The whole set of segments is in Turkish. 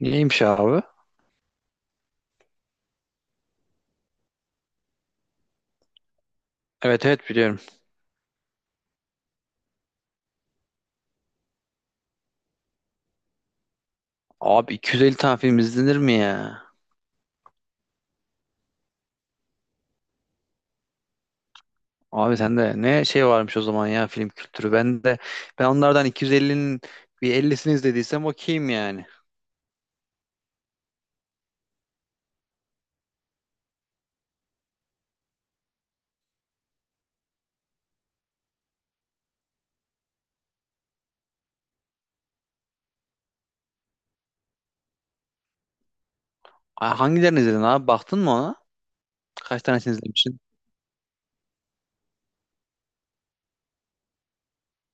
Neymiş abi? Evet biliyorum. Abi 250 tane film izlenir mi ya? Abi sende ne şey varmış o zaman ya, film kültürü. Ben onlardan 250'nin bir 50'sini izlediysem okeyim yani. Hangilerini izledin abi? Baktın mı ona? Kaç tanesini izlemişsin?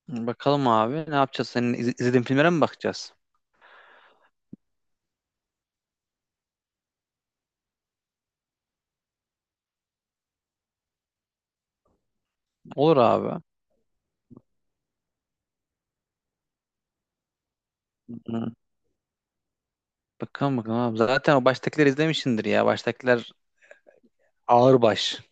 Bakalım abi, ne yapacağız? Senin izlediğin filmlere mi bakacağız? Olur abi. Hı. Bakalım abi. Zaten o baştakileri izlemişsindir ya. Baştakiler ağır baş.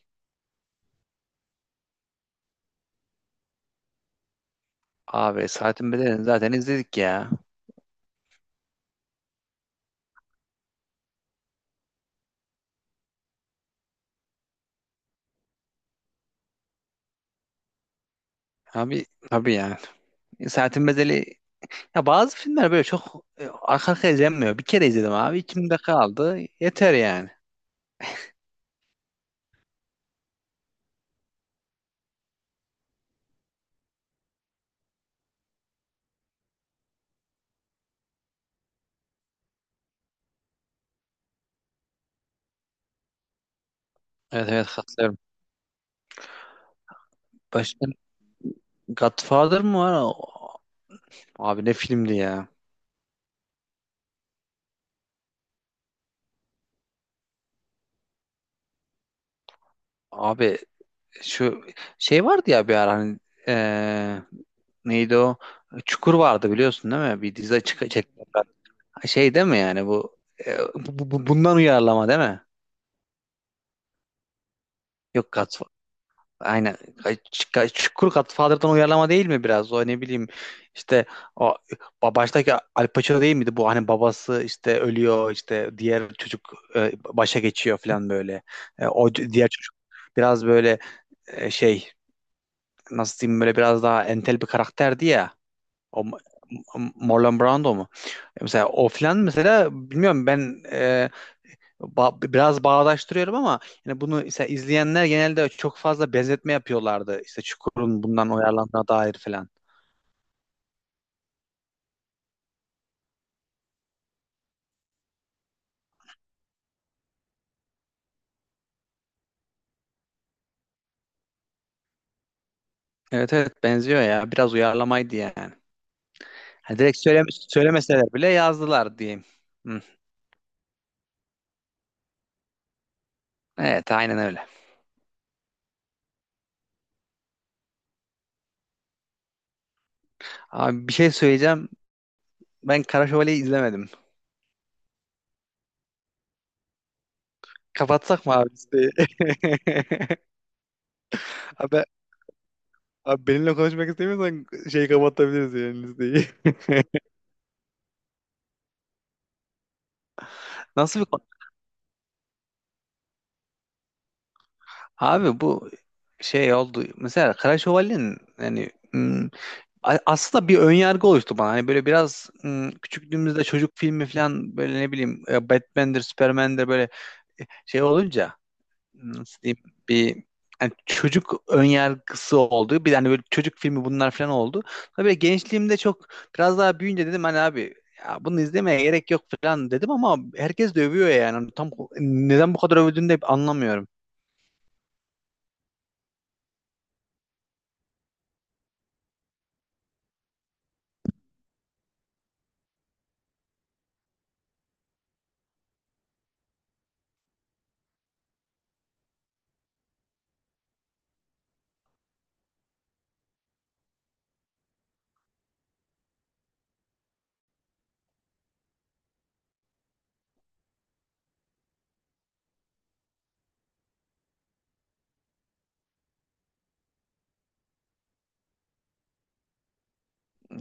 Abi Saatin Bedeli'ni zaten izledik ya. Abi tabii yani. Saatin Bedeli. Ya bazı filmler böyle çok arka arkaya izlenmiyor. Bir kere izledim abi, içimde kaldı. Yeter yani. Evet, katılıyorum. Başka Godfather mı var? Abi ne filmdi ya? Abi şu şey vardı ya bir ara, hani e, neydi o? Çukur vardı, biliyorsun değil mi? Bir dizi çık çektiler. Şey değil mi yani bu, bundan uyarlama değil mi? Yok, Godfather. Aynen. Ay, Çukur Godfather'dan uyarlama değil mi biraz? O ne bileyim, işte o baştaki Al Pacino değil miydi bu? Hani babası işte ölüyor, işte diğer çocuk başa geçiyor falan böyle. E, o diğer çocuk biraz böyle, e, şey nasıl diyeyim, böyle biraz daha entel bir karakterdi ya. O M- Marlon Brando mu? E, mesela o falan, mesela bilmiyorum ben. Biraz bağdaştırıyorum ama yani bunu işte izleyenler genelde çok fazla benzetme yapıyorlardı. İşte Çukur'un bundan uyarlandığına dair falan. Evet, benziyor ya. Biraz uyarlamaydı yani. Ha, direkt söylemeseler bile yazdılar diyeyim. Hı. Evet, aynen öyle. Abi bir şey söyleyeceğim. Ben Kara Şövalye'yi izlemedim. Kapatsak mı abi listeyi? Abi, abi benimle konuşmak istemiyorsan şeyi kapatabiliriz yani, listeyi. Nasıl bir. Abi bu şey oldu. Mesela Kara Şövalye'nin yani, aslında bir önyargı oluştu bana. Hani böyle biraz, küçüklüğümüzde çocuk filmi falan, böyle ne bileyim, Batman'dir, Superman'dir, böyle şey olunca, nasıl diyeyim, bir, hani çocuk önyargısı oldu. Bir hani böyle çocuk filmi bunlar falan oldu. Tabii gençliğimde çok, biraz daha büyüyünce dedim hani, abi ya bunu izlemeye gerek yok falan dedim, ama herkes de övüyor yani. Hani tam neden bu kadar övdüğünü de anlamıyorum.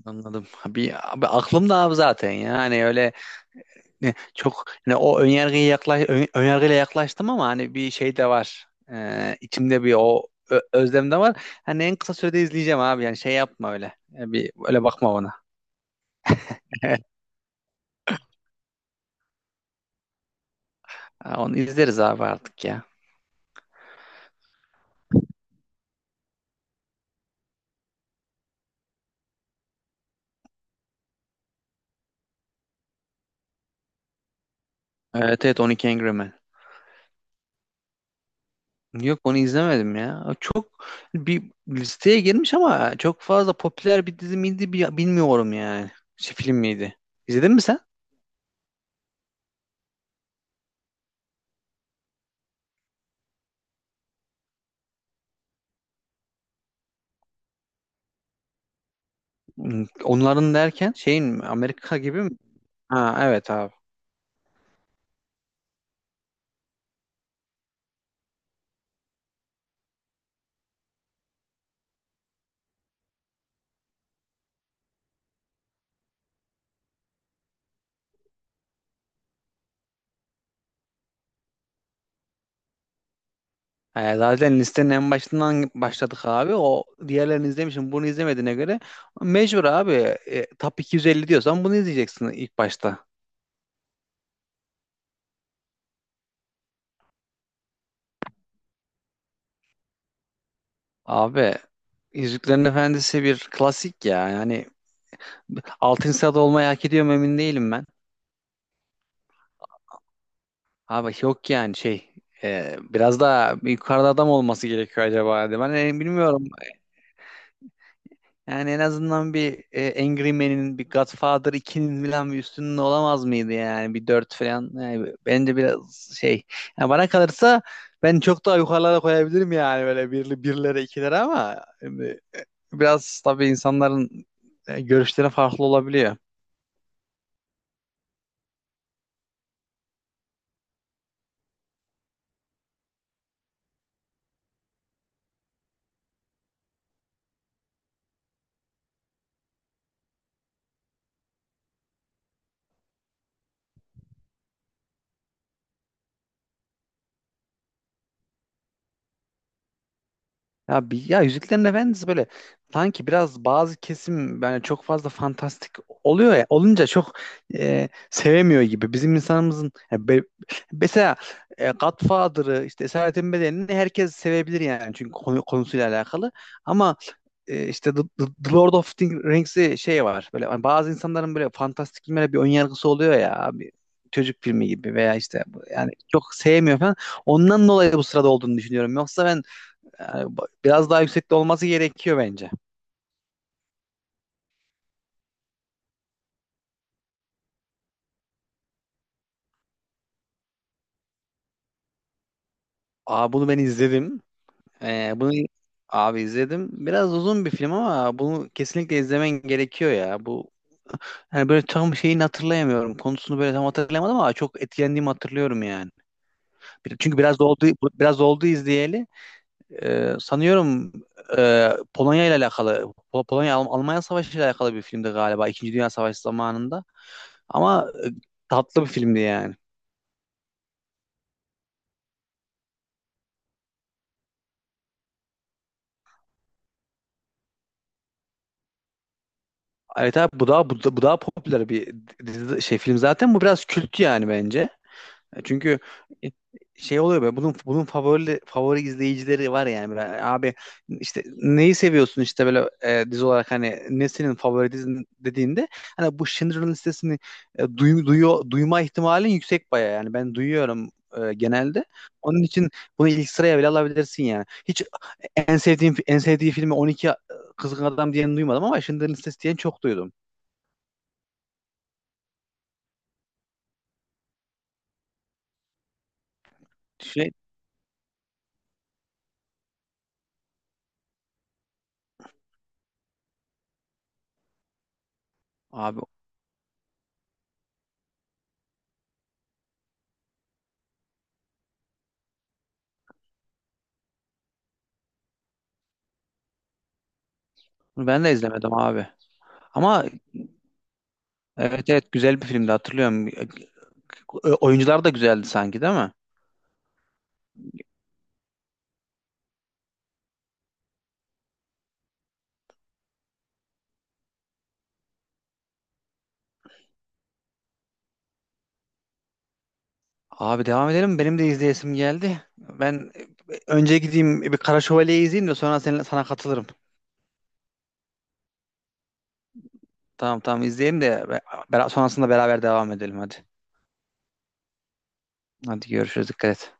Anladım. Bir, abi aklımda abi zaten ya. Hani öyle ne, çok hani o önyargıya önyargıyla yaklaştım, ama hani bir şey de var. İçimde bir o özlem de var. Hani en kısa sürede izleyeceğim abi. Yani şey yapma öyle. Yani bir öyle bakma bana. Ha, onu izleriz abi artık ya. Evet evet, 12 Angry Men. Yok, onu izlemedim ya. Çok bir listeye girmiş ama çok fazla popüler bir dizi miydi bilmiyorum yani. Şey, film miydi? İzledin mi sen? Hmm, onların derken şeyin mi? Amerika gibi mi? Ha, evet abi. Zaten listenin en başından başladık abi. O diğerlerini izlemişim. Bunu izlemediğine göre mecbur abi. E, top 250 diyorsan bunu izleyeceksin ilk başta. Abi Yüzüklerin Efendisi bir klasik ya. Yani altın saat olmayı hak ediyor mu emin değilim ben. Abi yok yani şey, biraz daha yukarıda adam olması gerekiyor acaba diye. Ben, bilmiyorum. Yani en azından bir, Angry Man'in, bir Godfather ikinin falan bir üstünün olamaz mıydı yani? Bir 4 falan. Yani bence biraz şey. Yani bana kalırsa ben çok daha yukarılara koyabilirim yani, böyle birlere, ikilere, ama şimdi biraz tabii insanların görüşleri farklı olabiliyor. Ya, bir, ya Yüzüklerin Efendisi böyle sanki biraz bazı kesim yani çok fazla fantastik oluyor ya, olunca çok sevemiyor gibi. Bizim insanımızın ya, mesela Godfather'ı, işte Esaretin Bedeni'ni herkes sevebilir yani, çünkü konusuyla alakalı. Ama işte The Lord of the Rings'i, şey var böyle hani, bazı insanların böyle fantastik filmlere bir ön yargısı oluyor ya abi, çocuk filmi gibi veya işte yani çok sevmiyor falan. Ondan dolayı bu sırada olduğunu düşünüyorum. Yoksa ben yani, biraz daha yüksekte olması gerekiyor bence. Aa, bunu ben izledim. Bunu abi izledim. Biraz uzun bir film ama bunu kesinlikle izlemen gerekiyor ya. Bu yani böyle tam şeyini hatırlayamıyorum. Konusunu böyle tam hatırlayamadım ama çok etkilendiğimi hatırlıyorum yani. Çünkü biraz da oldu, biraz oldu izleyeli. Sanıyorum Polonya ile alakalı, Polonya Almanya Savaşı ile alakalı bir filmdi galiba. İkinci Dünya Savaşı zamanında. Ama tatlı bir filmdi yani. Evet abi, bu daha, bu daha popüler bir şey, film zaten. Bu biraz kült yani bence. Çünkü şey oluyor be, bunun favori izleyicileri var yani. Böyle abi, işte neyi seviyorsun, işte böyle dizi olarak hani, ne senin favori dizin dediğinde hani, bu Schindler'ın listesini duyma ihtimalin yüksek baya yani, ben duyuyorum genelde. Onun için bunu ilk sıraya bile alabilirsin yani. Hiç en sevdiği filmi 12 Kızgın Adam diyen duymadım, ama Schindler'ın listesi diyen çok duydum. Şey abi, onu ben de izlemedim abi. Ama evet, evet güzel bir filmdi, hatırlıyorum. E, oyuncular da güzeldi sanki değil mi? Abi devam edelim. Benim de izleyesim geldi. Ben önce gideyim bir Kara Şövalye'yi izleyeyim de sonra sana katılırım. Tamam, izleyelim de, sonrasında beraber devam edelim, hadi. Hadi görüşürüz, dikkat et.